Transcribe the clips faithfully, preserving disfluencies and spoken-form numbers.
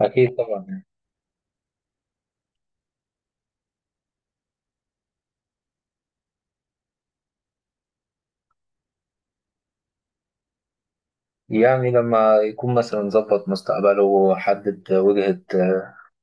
أكيد طبعا يعني يعني لما يكون مثلا ظبط مستقبله حدد وجهة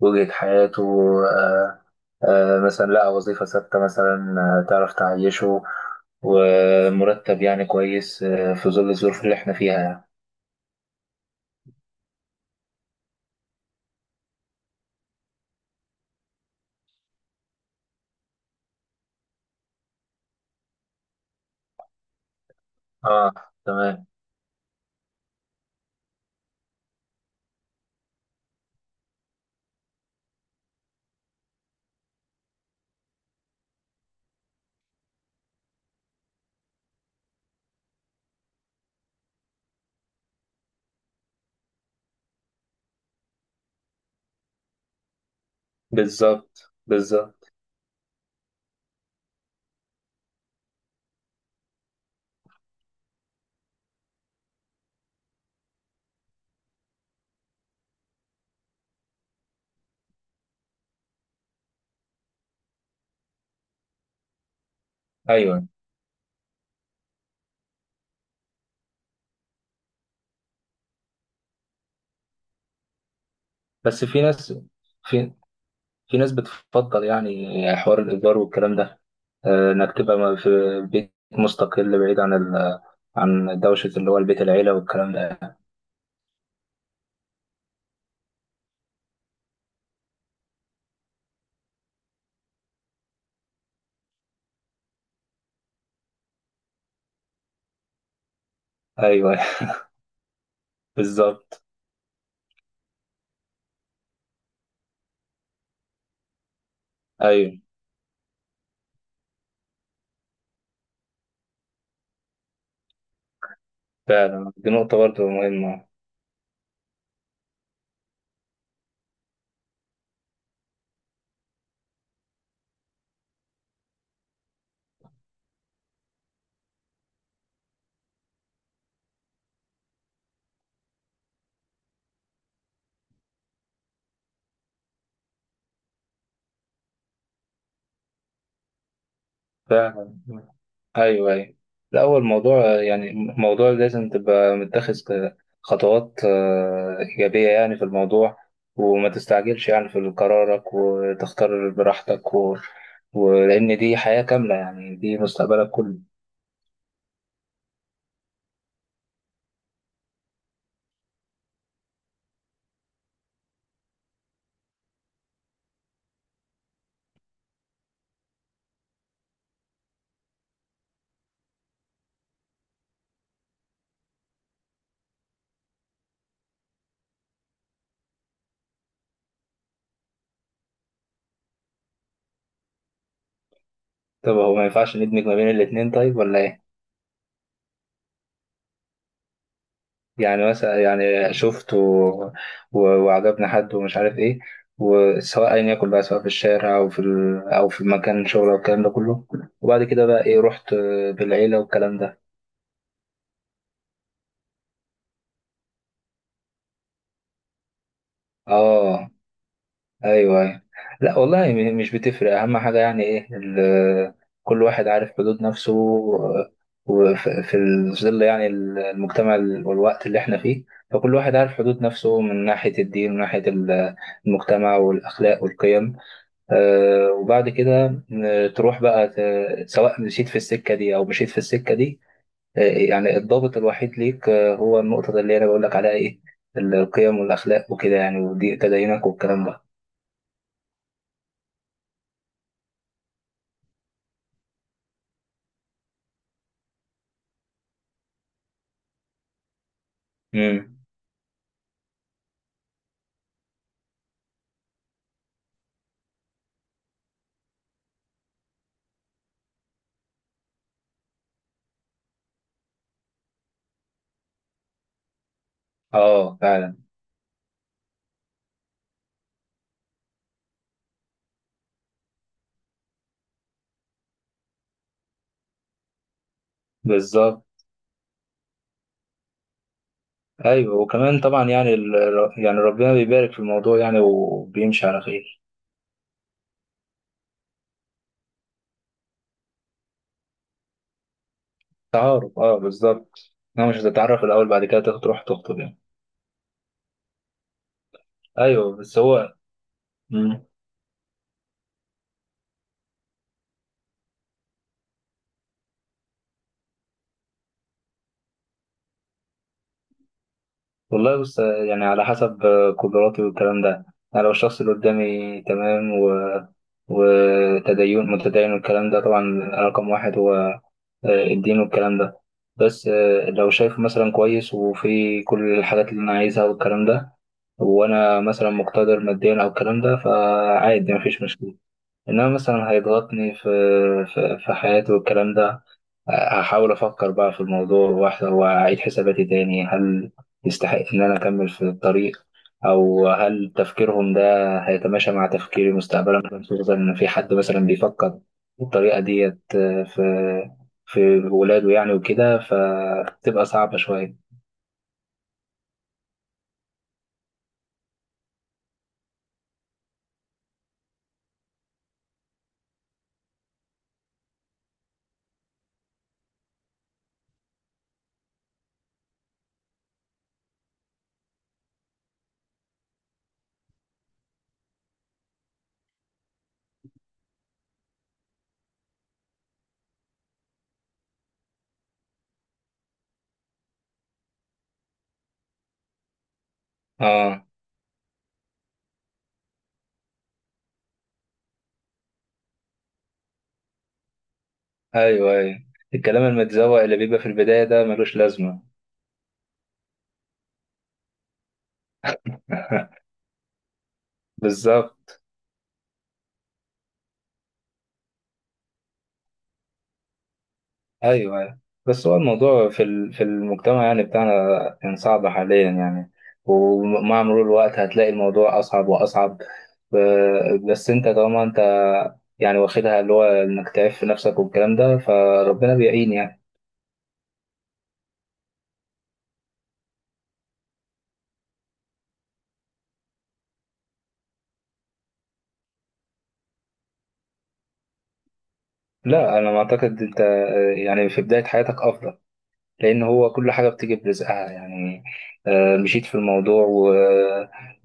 وجهة حياته. آه، آه، مثلا لقى وظيفة ثابتة مثلا. آه، تعرف تعيشه، ومرتب يعني كويس آه، في ظل الظروف اللي احنا فيها يعني. اه، تمام، بالظبط بالظبط. ايوه، بس في ناس في في ناس بتفضل يعني حوار الإيجار والكلام ده، آه، انك تبقى م- في بيت مستقل بعيد عن ال... عن دوشة اللي هو البيت العيلة والكلام ده. ايوه بالظبط. ايوه فعلا، دي نقطة برضه مهمة. فعلا، ايوه ايوه. الاول موضوع يعني موضوع لازم تبقى متخذ ك- خطوات آه، ايجابيه يعني في الموضوع، وما تستعجلش يعني في قرارك وتختار براحتك و... ولان دي حياه كامله يعني دي مستقبلك كله. طب هو ما ينفعش ندمج ما بين الاتنين طيب ولا ايه؟ يعني مثلا يعني شفته و- وعجبني حد ومش عارف ايه، وسواء ايا يكن بقى سواء في الشارع او في ال... او في مكان شغل او الكلام ده كله، وبعد كده بقى ايه رحت آه، بالعيله والكلام ده. اه، ايوه ايوه. لا والله م- مش بتفرق، اهم حاجه يعني ايه ال... كل واحد عارف حدود نفسه، وفي ظل يعني ال- المجتمع ال- والوقت اللي احنا فيه، فكل واحد عارف حدود نفسه من ناحيه الدين ومن ناحيه ال- المجتمع والاخلاق والقيم. آه، وبعد كده آه، تروح بقى ت- سواء مشيت في السكة دي أو مشيت في السكة دي. آه، يعني الضابط الوحيد ليك آه، هو النقطة اللي أنا بقول لك عليها إيه، القيم والأخلاق وكده يعني ودي تدينك والكلام ده. امم، آه فعلا، بالظبط. أيوه وكمان طبعا يعني ال... يعني ربنا بيبارك في الموضوع يعني وبيمشي على خير. تعارف آه، بالظبط، أنا مش هتتعرف الأول بعد كده تروح تخطب يعني. أيوه بس هو. مم. والله بص آه، يعني على حسب آه، قدراتي والكلام ده، يعني لو الشخص اللي قدامي تمام و... وتدين متدين والكلام ده طبعا، رقم واحد هو آه، الدين والكلام ده. بس آه، لو شايفه مثلا كويس وفي كل الحاجات اللي أنا عايزها والكلام ده، وأنا مثلا مقتدر ماديا أو الكلام ده فعادي مفيش مشكلة. إنما مثلا هيضغطني في في في حياتي والكلام ده. هحاول أفكر بقى في الموضوع واحدة وأعيد حساباتي تاني، هل يستحق إن أنا أكمل في الطريق، أو هل تفكيرهم ده هيتماشى مع تفكيري مستقبلا، خصوصا إن في حد مثلا بيفكر بالطريقة ديت آه، في في ولاده يعني وكده فتبقى صعبة شوية. آه أيوه أيوه، الكلام المتزوق اللي بيبقى في البداية ده ملوش لازمة. بالظبط، ايوه أيوة. بس هو الموضوع في ال- في المجتمع يعني بتاعنا، كان صعب حاليا يعني. ومع مرور الوقت هتلاقي الموضوع اصعب واصعب. ب- بس انت طالما انت يعني واخدها اللي هو انك تعيش في نفسك والكلام ده فربنا بيعين يعني. لا انا ما اعتقد، انت آه، يعني في بداية حياتك افضل، لأن هو كل حاجة بتيجي برزقها يعني. آه، مشيت في الموضوع و...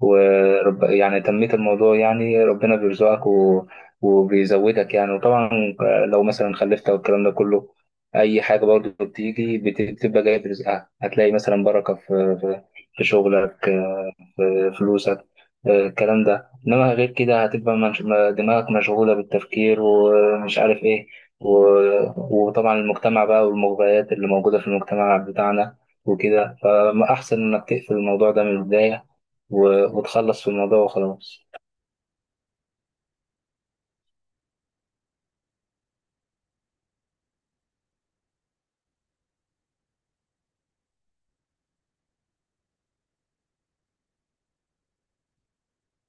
ورب يعني تميت الموضوع يعني ربنا بيرزقك و... وبيزودك يعني. وطبعا آه، لو مثلا خلفت أو الكلام ده كله، أي حاجة برضه بتيجي بت- بتبقى جاية برزقها، هتلاقي مثلا بركة في في في شغلك آه، في فلوسك آه، الكلام ده. إنما غير كده هتبقى منش... دماغك مشغولة بالتفكير ومش عارف إيه. و- وطبعا المجتمع بقى والمغريات اللي موجودة في المجتمع بتاعنا وكده، فأحسن إنك تقفل الموضوع ده من البداية، و- وتخلص في الموضوع وخلاص.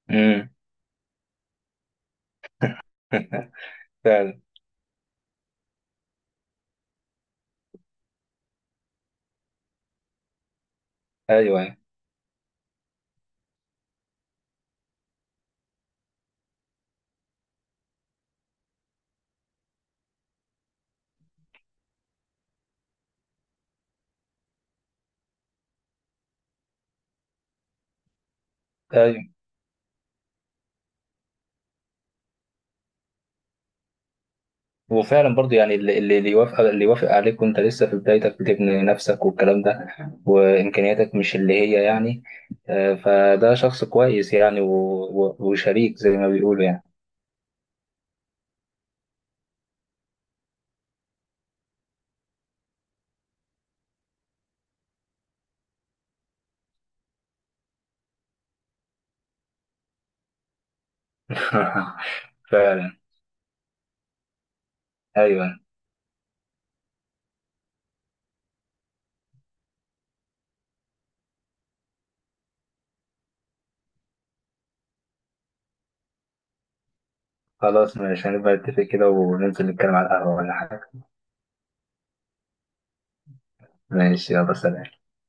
امم فعلا. أيوه أيوه أيوه. وفعلا برضو يعني اللي اللي اللي يوافق، اللي يوافق عليك وأنت لسه في بدايتك بتبني نفسك والكلام ده وإمكانياتك مش اللي هي يعني، آه، فده شخص كويس يعني و- و- وشريك زي ما بيقولوا يعني. فعلا أيوه أيوة. خلاص ماشي، هنبقى نتفق كده وننزل نتكلم على القهوة ولا حاجة. ماشي يلا سلام.